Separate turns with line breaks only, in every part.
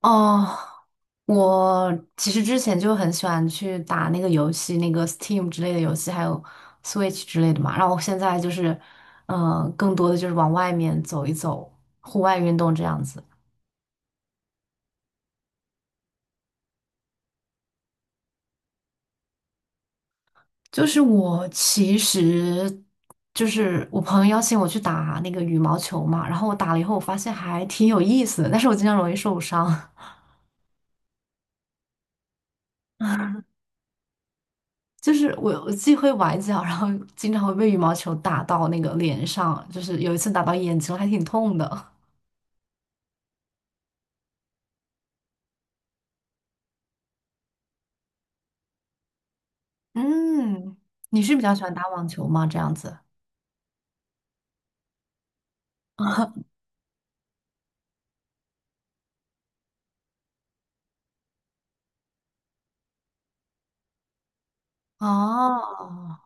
哦，我其实之前就很喜欢去打那个游戏，那个 Steam 之类的游戏，还有 Switch 之类的嘛。然后我现在就是，更多的就是往外面走一走，户外运动这样子。就是我其实就是我朋友邀请我去打那个羽毛球嘛，然后我打了以后，我发现还挺有意思的，但是我经常容易受伤。就是我既会崴脚，然后经常会被羽毛球打到那个脸上，就是有一次打到眼睛，还挺痛的。嗯，你是比较喜欢打网球吗？这样子。哦，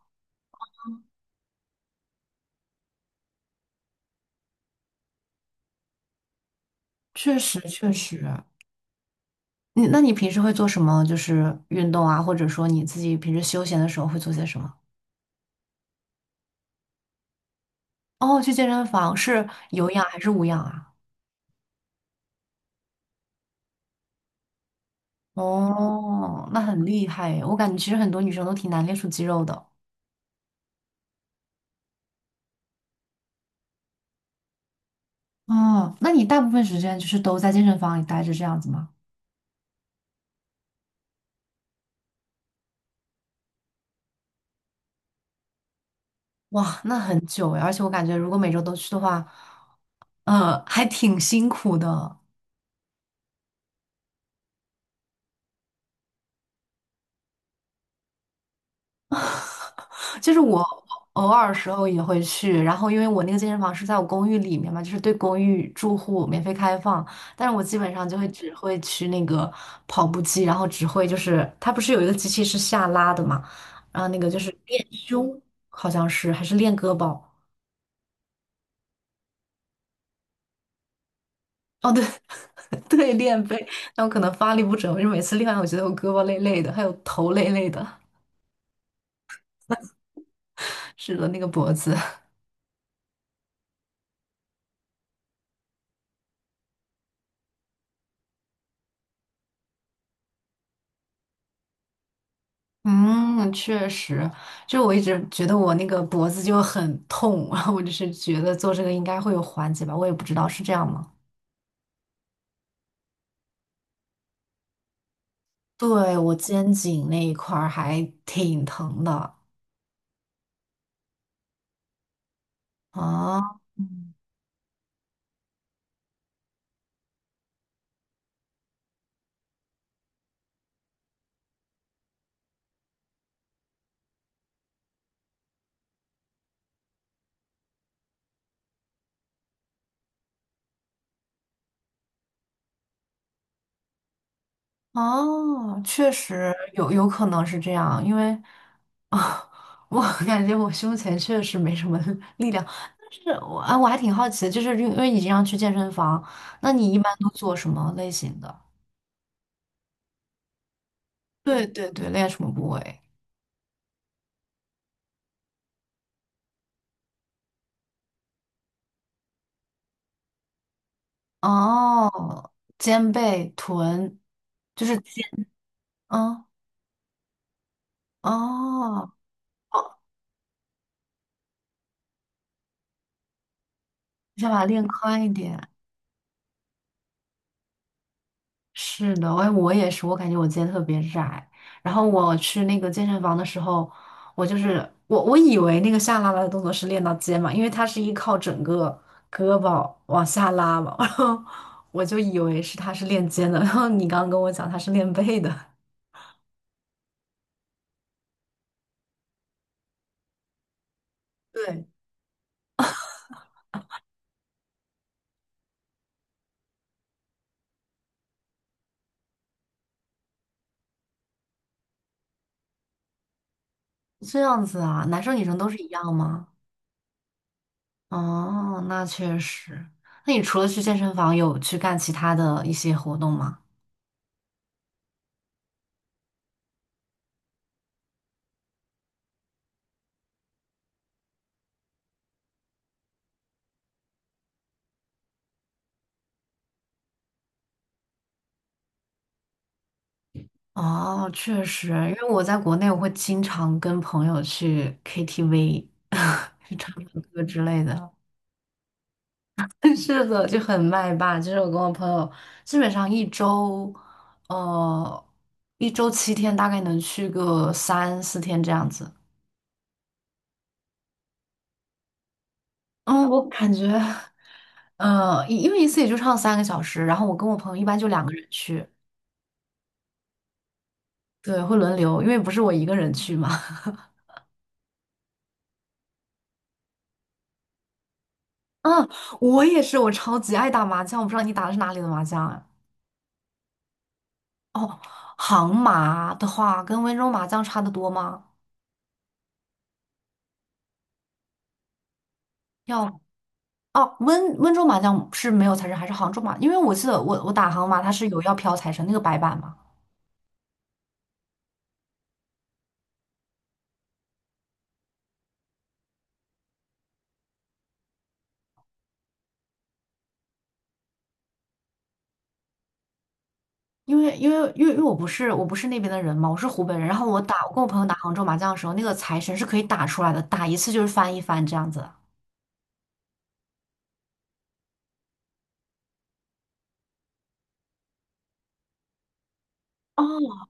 确实确实。那你平时会做什么？就是运动啊，或者说你自己平时休闲的时候会做些什么？哦，去健身房是有氧还是无氧啊？哦，那很厉害诶，我感觉其实很多女生都挺难练出肌肉的。哦，那你大部分时间就是都在健身房里待着这样子吗？哇，那很久诶，而且我感觉如果每周都去的话，还挺辛苦的。就是我偶尔时候也会去，然后因为我那个健身房是在我公寓里面嘛，就是对公寓住户免费开放，但是我基本上就会只会去那个跑步机，然后只会就是它不是有一个机器是下拉的嘛，然后那个就是练胸，好像是还是练胳膊，哦对， 对，练背，但我可能发力不准，我就每次练完我觉得我胳膊累累的，还有头累累的，是的那个脖子。嗯，确实，就我一直觉得我那个脖子就很痛，然后我就是觉得做这个应该会有缓解吧，我也不知道是这样吗？对，我肩颈那一块儿还挺疼的啊。嗯，哦，确实有可能是这样，因为啊，我感觉我胸前确实没什么力量，但是我还挺好奇的，就是因为你经常去健身房，那你一般都做什么类型的？对对对，练什么部位？哦，肩背臀，就是肩，嗯，哦，想把它练宽一点。是的，我也是，我感觉我肩特别窄。然后我去那个健身房的时候，我就是我我以为那个下拉拉的动作是练到肩嘛，因为它是依靠整个胳膊往下拉嘛，然后我就以为是它是练肩的。然后你刚刚跟我讲它是练背的，对，这样子啊，男生女生都是一样吗？哦，那确实。那你除了去健身房，有去干其他的一些活动吗？哦，确实，因为我在国内，我会经常跟朋友去 KTV，去唱唱歌之类的。是的，就很麦霸。就是我跟我朋友，基本上一周，呃，7天，大概能去个三四天这样子。嗯，我感觉，因为一次也就唱3个小时，然后我跟我朋友一般就两个人去。对，会轮流，因为不是我一个人去嘛。嗯，我也是，我超级爱打麻将。我不知道你打的是哪里的麻将啊？哦，杭麻的话跟温州麻将差的多吗？要哦，温州麻将是没有财神，还是杭州麻？因为我记得我打杭麻，它是有要飘财神那个白板嘛。因为我不是那边的人嘛，我是湖北人。然后我跟我朋友打杭州麻将的时候，那个财神是可以打出来的，打一次就是翻一番这样子。哦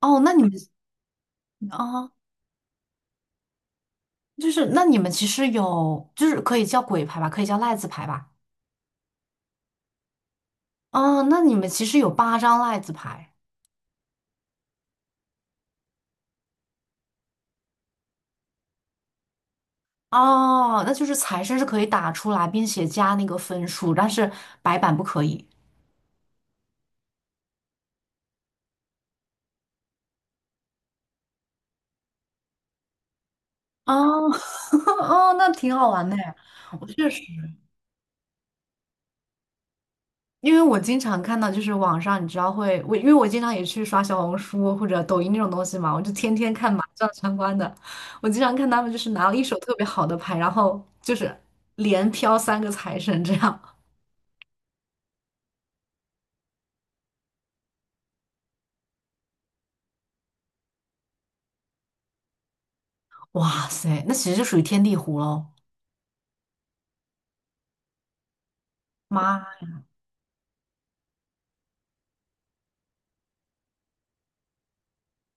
哦，那你们啊。就是那你们其实有，就是可以叫鬼牌吧，可以叫赖子牌吧。哦，那你们其实有八张赖子牌哦，那就是财神是可以打出来，并且加那个分数，但是白板不可以。哦，哦，那挺好玩的呀，我确实，因为我经常看到，就是网上你知道会，我因为我经常也去刷小红书或者抖音那种东西嘛，我就天天看麻将相关的。我经常看他们就是拿了一手特别好的牌，然后就是连飘三个财神这样。哇塞，那其实就属于天地湖喽。妈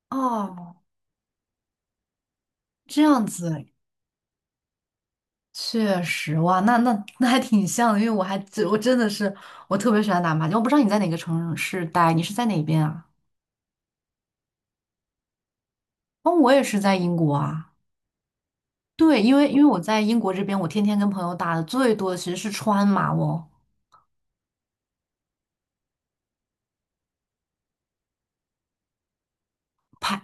哦，这样子确实哇，那还挺像的，因为我还只我真的是我特别喜欢打麻将。我不知道你在哪个城市待，你是在哪边啊？哦，我也是在英国啊。对，因为我在英国这边，我天天跟朋友打的最多的其实是川麻哦，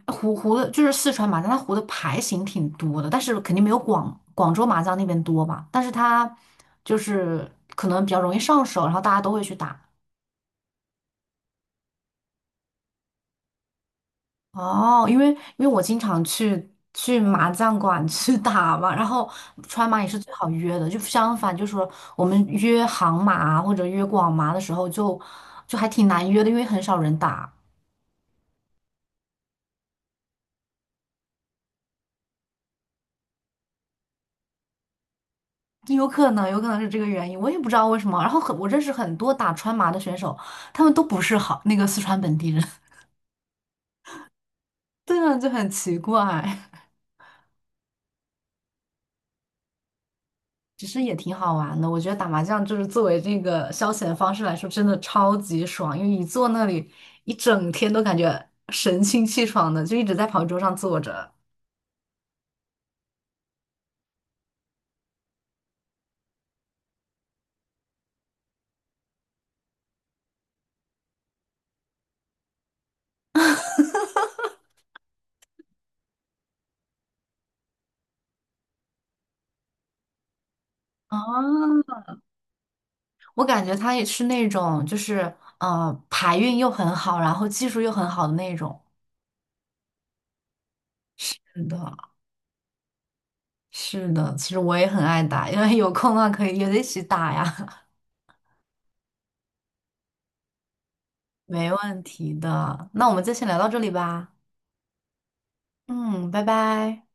湖的就是四川麻将，它湖的牌型挺多的，但是肯定没有广州麻将那边多吧。但是它就是可能比较容易上手，然后大家都会去打。哦，因为我经常去麻将馆 去打嘛，然后川麻也是最好约的，就相反，就是说我们约杭麻啊或者约广麻的时候就，就还挺难约的，因为很少人打，有可能有可能是这个原因，我也不知道为什么。然后很我认识很多打川麻的选手，他们都不是好那个四川本地人，对啊，就很奇怪。其实也挺好玩的，我觉得打麻将就是作为这个消遣方式来说，真的超级爽，因为一坐那里一整天都感觉神清气爽的，就一直在跑桌上坐着。啊，我感觉他也是那种，就是牌运又很好，然后技术又很好的那种。是的，是的，其实我也很爱打，因为有空的话可以约着一起打呀，没问题的。那我们就先聊到这里吧。嗯，拜拜。